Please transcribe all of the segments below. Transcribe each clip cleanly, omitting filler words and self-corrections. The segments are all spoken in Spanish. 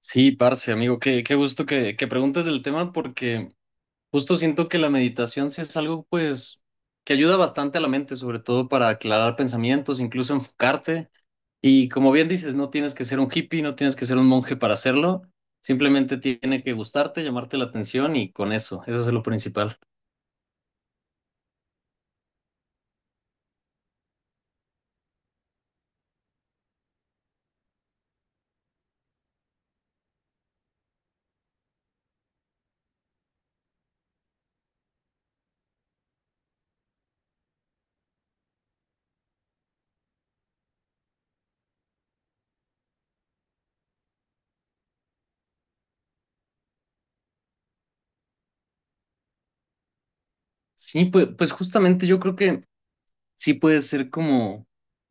Sí, parce, amigo, qué gusto que preguntes el tema porque justo siento que la meditación sí es algo pues que ayuda bastante a la mente, sobre todo para aclarar pensamientos, incluso enfocarte. Y como bien dices, no tienes que ser un hippie, no tienes que ser un monje para hacerlo, simplemente tiene que gustarte, llamarte la atención y con eso, eso es lo principal. Sí, pues justamente yo creo que sí puede ser como,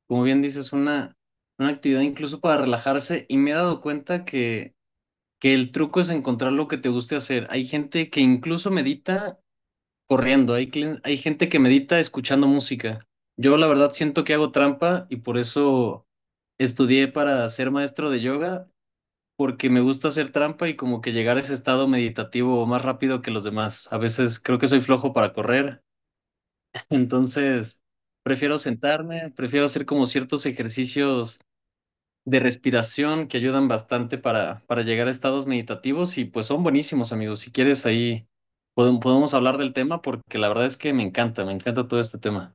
como bien dices, una actividad incluso para relajarse y me he dado cuenta que el truco es encontrar lo que te guste hacer. Hay gente que incluso medita corriendo, hay gente que medita escuchando música. Yo la verdad siento que hago trampa y por eso estudié para ser maestro de yoga, porque me gusta hacer trampa y como que llegar a ese estado meditativo más rápido que los demás. A veces creo que soy flojo para correr, entonces prefiero sentarme, prefiero hacer como ciertos ejercicios de respiración que ayudan bastante para llegar a estados meditativos y pues son buenísimos, amigos. Si quieres ahí podemos hablar del tema porque la verdad es que me encanta todo este tema.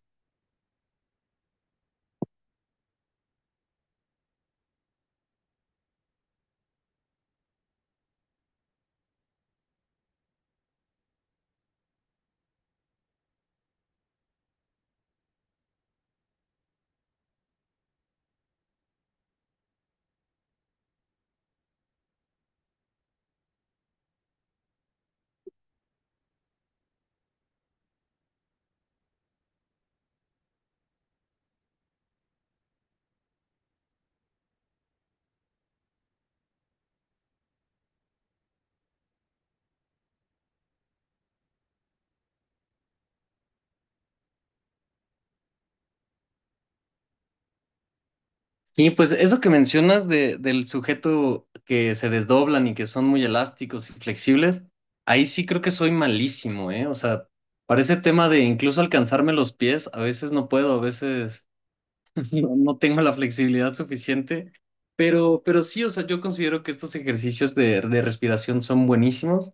Sí pues eso que mencionas del sujeto que se desdoblan y que son muy elásticos y flexibles, ahí sí creo que soy malísimo, ¿eh? O sea, para ese tema de incluso alcanzarme los pies, a veces no puedo, a veces... No, no tengo la flexibilidad suficiente, pero sí, o sea, yo considero que estos ejercicios de respiración son buenísimos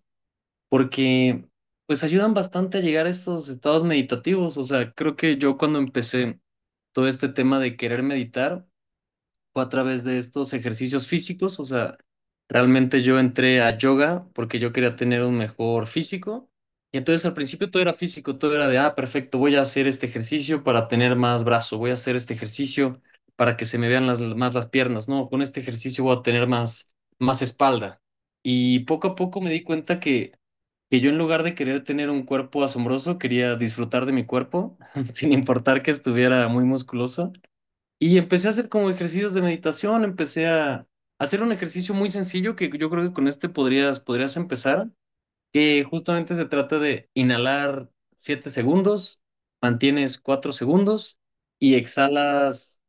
porque pues ayudan bastante a llegar a estos estados meditativos. O sea, creo que yo cuando empecé todo este tema de querer meditar, fue a través de estos ejercicios físicos, o sea, realmente yo entré a yoga porque yo quería tener un mejor físico. Y entonces al principio todo era físico, todo era de, ah, perfecto, voy a hacer este ejercicio para tener más brazo, voy a hacer este ejercicio para que se me vean las, más las piernas, no, con este ejercicio voy a tener más, más espalda. Y poco a poco me di cuenta que yo en lugar de querer tener un cuerpo asombroso, quería disfrutar de mi cuerpo, sin importar que estuviera muy musculoso. Y empecé a hacer como ejercicios de meditación, empecé a hacer un ejercicio muy sencillo que yo creo que con este podrías empezar, que justamente se trata de inhalar 7 segundos, mantienes 4 segundos y exhalas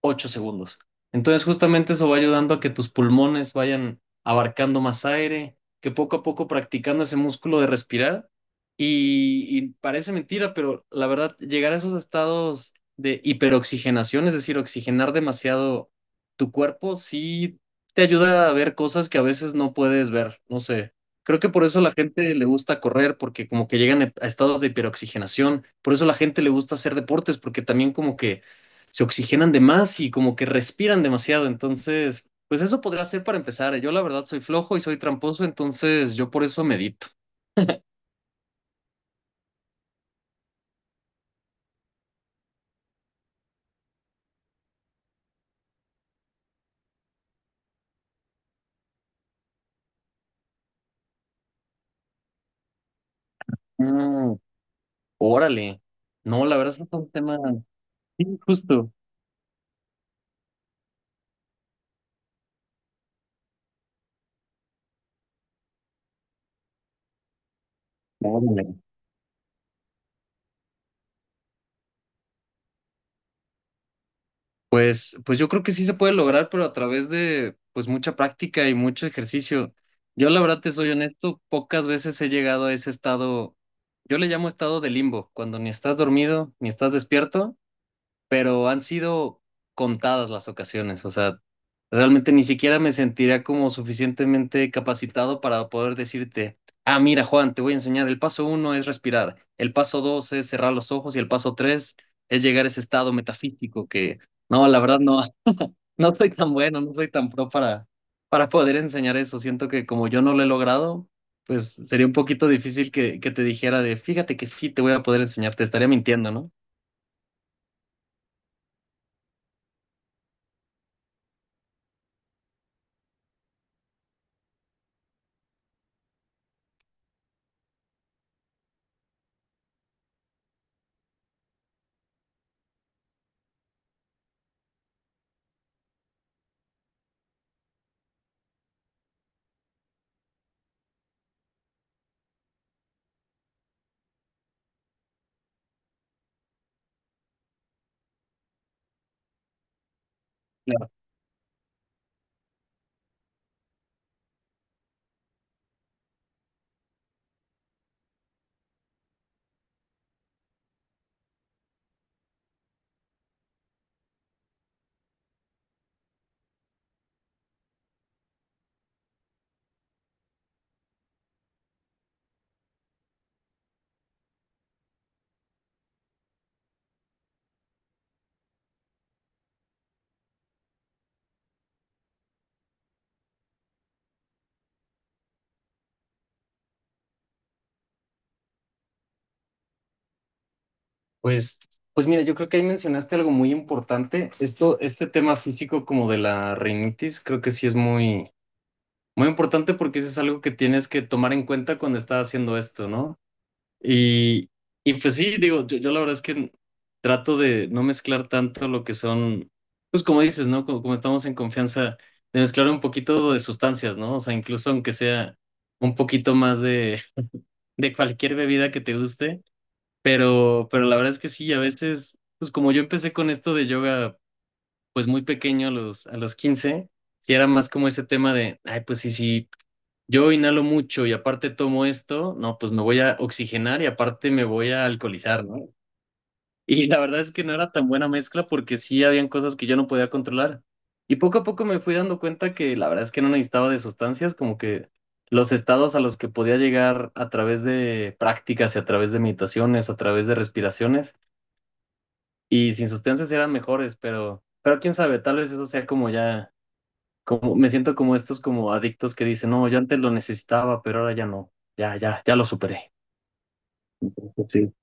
8 segundos. Entonces, justamente eso va ayudando a que tus pulmones vayan abarcando más aire, que poco a poco practicando ese músculo de respirar. Y parece mentira, pero la verdad, llegar a esos estados de hiperoxigenación, es decir, oxigenar demasiado tu cuerpo, sí te ayuda a ver cosas que a veces no puedes ver. No sé. Creo que por eso a la gente le gusta correr, porque como que llegan a estados de hiperoxigenación. Por eso a la gente le gusta hacer deportes, porque también como que se oxigenan de más y como que respiran demasiado. Entonces, pues eso podría ser para empezar. Yo la verdad soy flojo y soy tramposo, entonces yo por eso medito. Mm, órale. No, la verdad es que es un tema sí, justo. Órale. Pues yo creo que sí se puede lograr, pero a través de pues mucha práctica y mucho ejercicio. Yo la verdad te soy honesto, pocas veces he llegado a ese estado, yo le llamo estado de limbo, cuando ni estás dormido ni estás despierto pero han sido contadas las ocasiones, o sea, realmente ni siquiera me sentiría como suficientemente capacitado para poder decirte, ah, mira, Juan, te voy a enseñar, el paso uno es respirar, el paso dos es cerrar los ojos y el paso tres es llegar a ese estado metafísico que, no, la verdad no, no soy tan bueno, no soy tan pro para poder enseñar eso. Siento que como yo no lo he logrado, pues sería un poquito difícil que te dijera de, fíjate que sí te voy a poder enseñar, te estaría mintiendo, ¿no? Pues, pues mira, yo creo que ahí mencionaste algo muy importante. Esto, este tema físico como de la rinitis, creo que sí es muy, muy importante porque eso es algo que tienes que tomar en cuenta cuando estás haciendo esto, ¿no? Y, y pues sí, digo, yo la verdad es que trato de no mezclar tanto lo que son, pues como dices, ¿no? Como, como estamos en confianza, de mezclar un poquito de sustancias, ¿no? O sea, incluso aunque sea un poquito más de cualquier bebida que te guste pero la verdad es que sí, a veces, pues como yo empecé con esto de yoga, pues muy pequeño, a los 15 sí era más como ese tema de, ay, pues sí, sí, yo inhalo mucho y aparte tomo esto, no, pues me voy a oxigenar y aparte me voy a alcoholizar, ¿no? Y la verdad es que no era tan buena mezcla porque sí habían cosas que yo no podía controlar. Y poco a poco me fui dando cuenta que la verdad es que no necesitaba de sustancias, como que los estados a los que podía llegar a través de prácticas y a través de meditaciones, a través de respiraciones y sin sustancias eran mejores, pero quién sabe, tal vez eso sea como ya, como me siento como estos como adictos que dicen, no, yo antes lo necesitaba, pero ahora ya no, ya, ya, ya lo superé. Sí,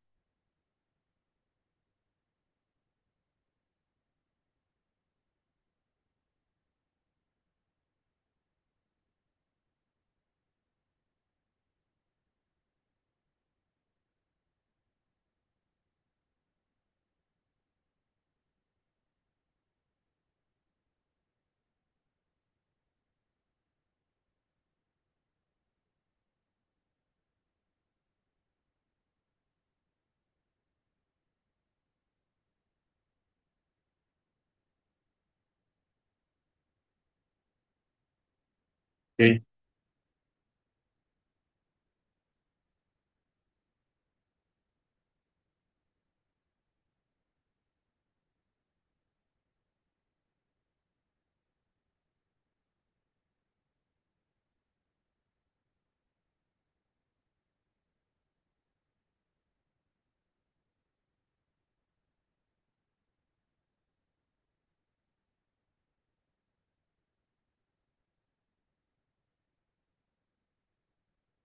sí.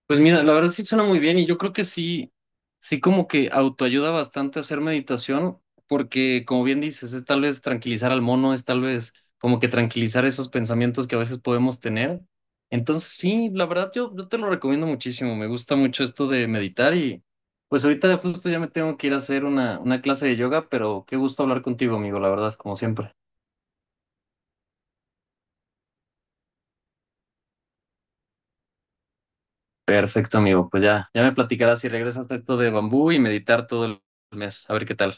Pues mira, la verdad sí suena muy bien y yo creo que sí, sí como que autoayuda bastante a hacer meditación porque como bien dices, es tal vez tranquilizar al mono, es tal vez como que tranquilizar esos pensamientos que a veces podemos tener. Entonces sí, la verdad yo te lo recomiendo muchísimo, me gusta mucho esto de meditar y pues ahorita justo ya me tengo que ir a hacer una clase de yoga, pero qué gusto hablar contigo, amigo, la verdad, como siempre. Perfecto, amigo, pues ya, ya me platicarás si regresas a esto de bambú y meditar todo el mes, a ver qué tal.